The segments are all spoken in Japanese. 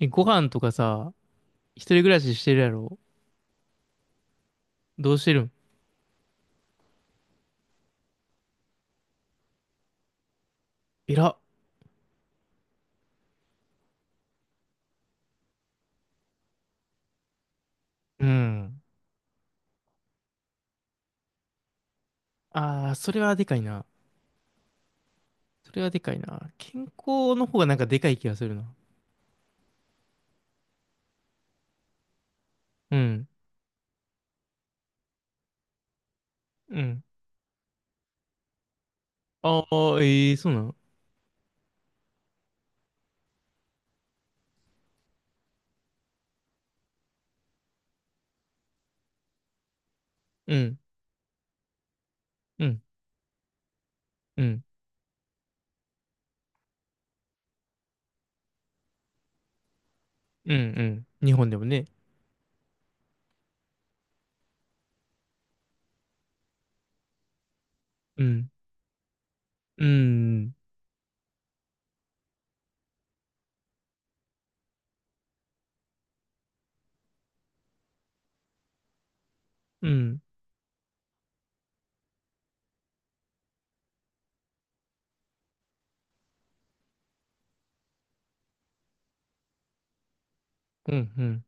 え、ご飯とかさ、一人暮らししてるやろ？どうしてるん？えら。うん。ああ、それはでかいな。それはでかいな。健康の方がなんかでかい気がするな。うん。うん。ああ、ええそうなの？うん。うん。うん。うん。うん。日本でもね。うん。うん。うん。うん。うん。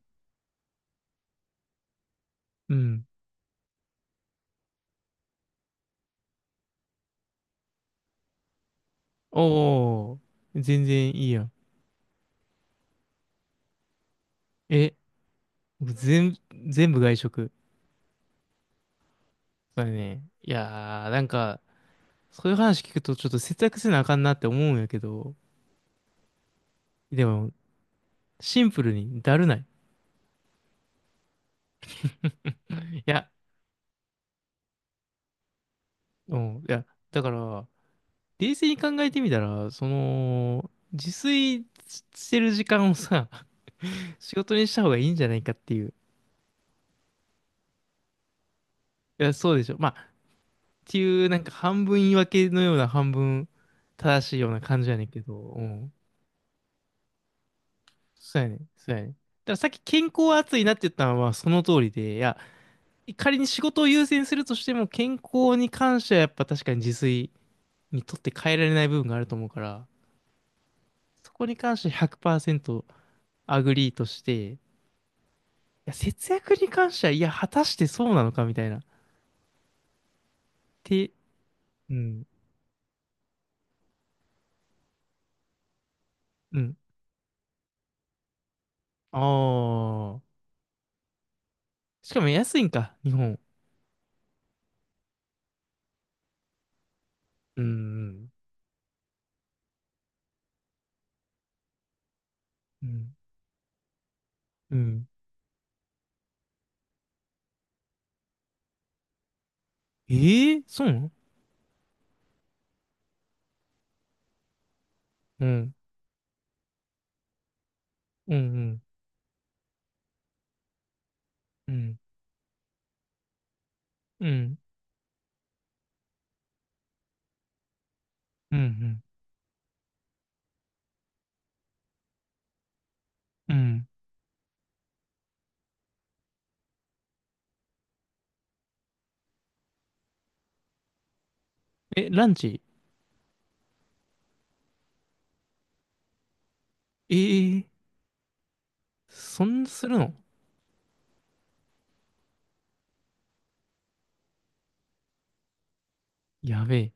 うん。おー。全然いいやん。え、全、全部外食。そうだね。いやー、なんか、そういう話聞くとちょっと節約せなあかんなって思うんやけど、でも、シンプルにだるない？いや、うん、いや、だから、冷静に考えてみたら、その、自炊してる時間をさ、仕事にした方がいいんじゃないかっていう。いや、そうでしょ。まあ、っていう、なんか半分言い訳のような半分正しいような感じやねんけど、うん。そうやねん、そうやねん。だからさっき健康は熱いなって言ったのはその通りで、いや、仮に仕事を優先するとしても、健康に関してはやっぱ確かに自炊にとって変えられない部分があると思うから、そこに関して100%アグリーとして、いや、節約に関しては、いや、果たしてそうなのかみたいな。って、うん、うん。ああ。しかも安いんか、日本？うん、うん、うん。うん。ええー、そうなの？うん、うん、うん、うん、うん、うん、うん。え、ランチ？ええー、そんなするの？やべえ。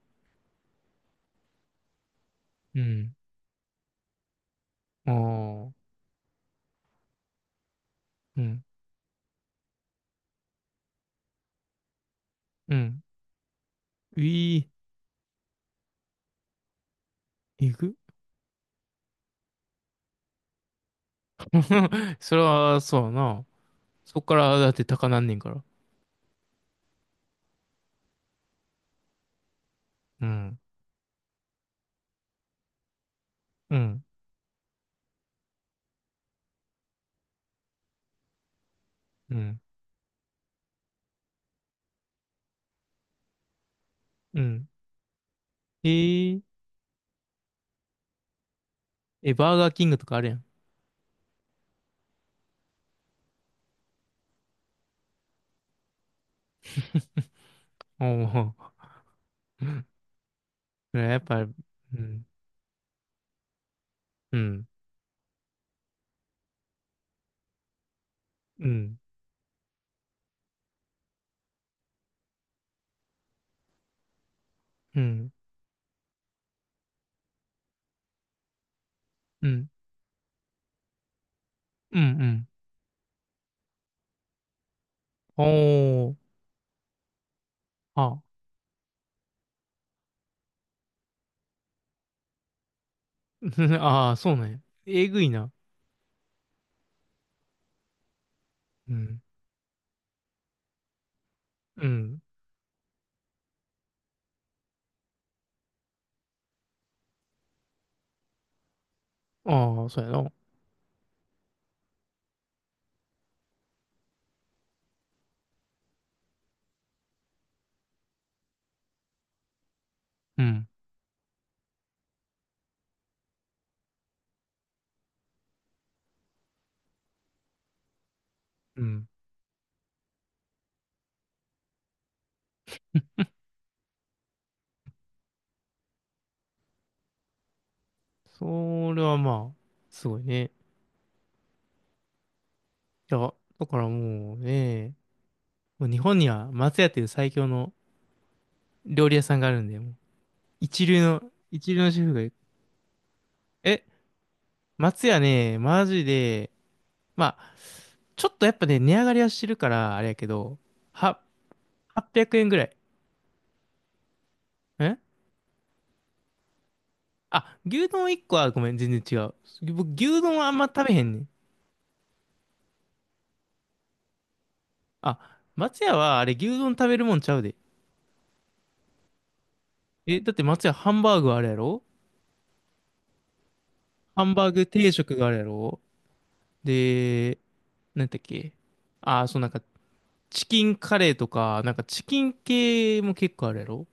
うん。ああ、うん、うん。うい。えぐ。それは、そうやな。そっからだって高なんねんから。うん。うん。うん。うん。えー、え、バーガーキングとかあるやん。おお。ねやっぱ、うん。うん。うん。うん。うん。うん。うん。おお。あ。ああ、そうなんや。えぐいな。うん。うん。ああ、そうやな。うん。うん。それはまあ、すごいね。いや、だからもうね、もう日本には松屋っていう最強の料理屋さんがあるんで、一流の、一流のシェフが言う。え、松屋ね、マジで、まあ、ちょっとやっぱね、値上がりはしてるから、あれやけど、は、800円ぐらい。ん。あ、牛丼1個はごめん、全然違う。僕、牛丼はあんま食べへんねん。あ、松屋はあれ、牛丼食べるもんちゃうで。え、だって松屋ハンバーグあるやろ？ハンバーグ定食があるやろ？で、なんだっけ？あ、そうなんか、チキンカレーとか、なんかチキン系も結構あるやろ？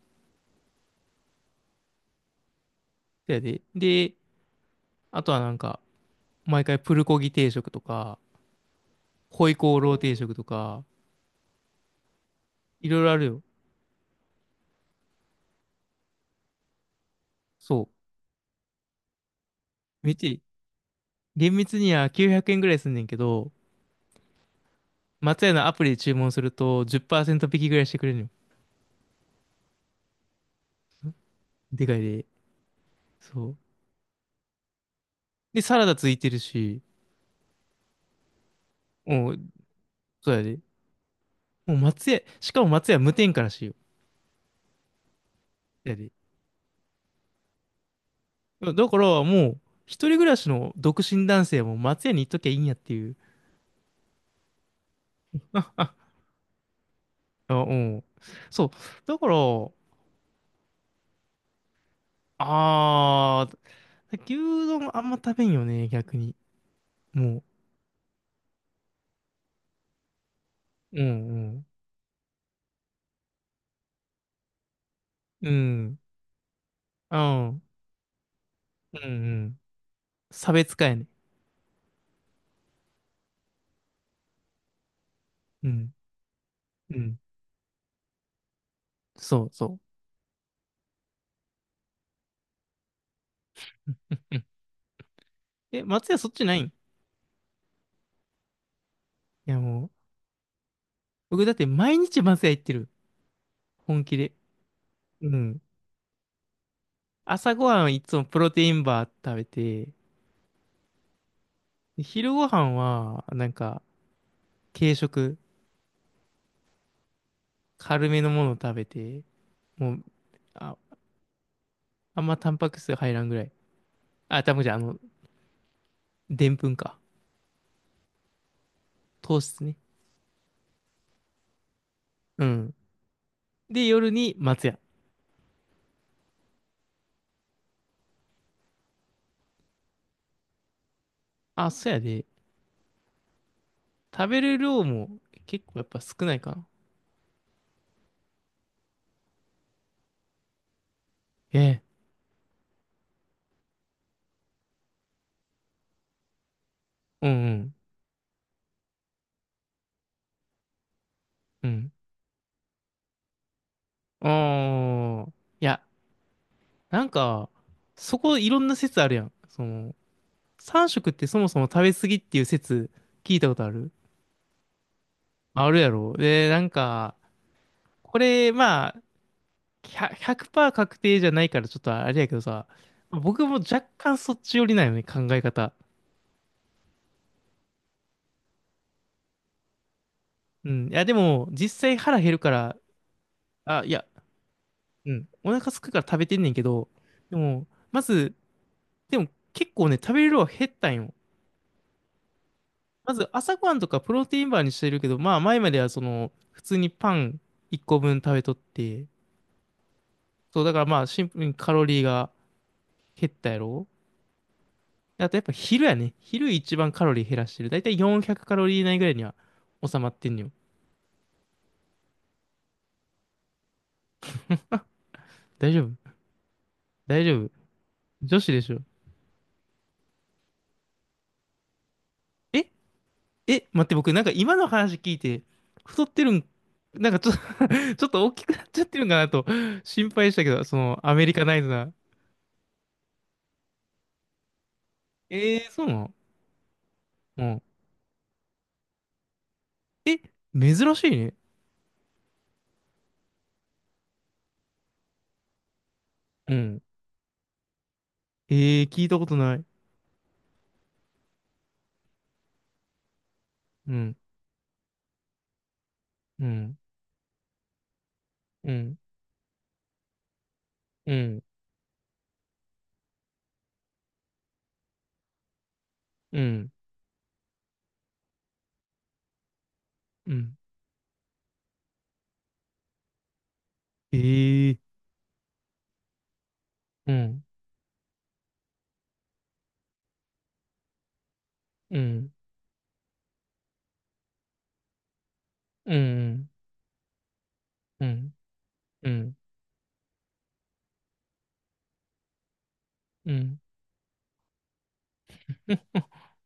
そやで。で、あとはなんか、毎回プルコギ定食とか、ホイコーロー定食とか、いろいろあるよ。そう。めっちゃいい、厳密には900円ぐらいすんねんけど、松屋のアプリで注文すると10%引きぐらいしてくれるのよ。でかいで。そう。で、サラダついてるし、もう、そうやで。もう松屋、しかも松屋無添加らしいよ。やで。だからもう、一人暮らしの独身男性も松屋に行っときゃいいんやっていう。あ、うん。そう。だから、あー、牛丼あんま食べんよね、逆に。もう、うん、うん、うん、うん、うん、うん。差別化やね。うん、うん。そう、そう。うん。え、松屋そっちないん？いや、もう、僕だって毎日松屋行ってる。本気で。うん。朝ごはんはいつもプロテインバー食べて、で昼ごはんは、なんか、軽食、軽めのものを食べて、もう、あ、あんまタンパク質入らんぐらい。あ、タンパク質じゃあの、でんぷんか。糖質ね。うん。で、夜に松屋。あ、そうやで。食べる量も結構やっぱ少ないかな。ええ。うんうん。うん。ああ。いや、なんか、そこいろんな説あるやん。その、3食ってそもそも食べ過ぎっていう説聞いたことある？あるやろ。で、なんか、これ、まあ、100%確定じゃないからちょっとあれやけどさ、僕も若干そっち寄りなんよね、考え方。うん。いや、でも、実際腹減るから、あ、いや、うん。お腹空くから食べてんねんけど、でも、まず、でも結構ね、食べる量は減ったんよ。まず朝ごはんとかプロテインバーにしてるけど、まあ前まではその、普通にパン1個分食べとって、そうだからまあシンプルにカロリーが減ったやろ。あとやっぱ昼やね。昼一番カロリー減らしてる。だいたい400カロリー以内ぐらいには収まってんのよ。大丈夫？大丈夫？女子でしょ？ええ、待って僕なんか今の話聞いて太ってるん？なんかちょっと ちょっと大きくなっちゃってるんかなと心配したけど、そのアメリカナイズな。えー、そうなの？うん。え、珍しいね。うん。ええー、聞いたことない。うん、うん、うん、うん、うん、うん。ええー、うん、うん、うん、うん、うん、うん、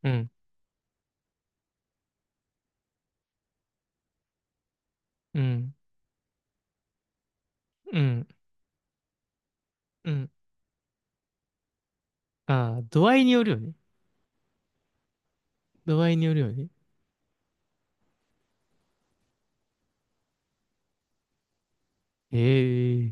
うん、うん、うん、うん。ああ、度合いによるよね。度合いによるよね。ええ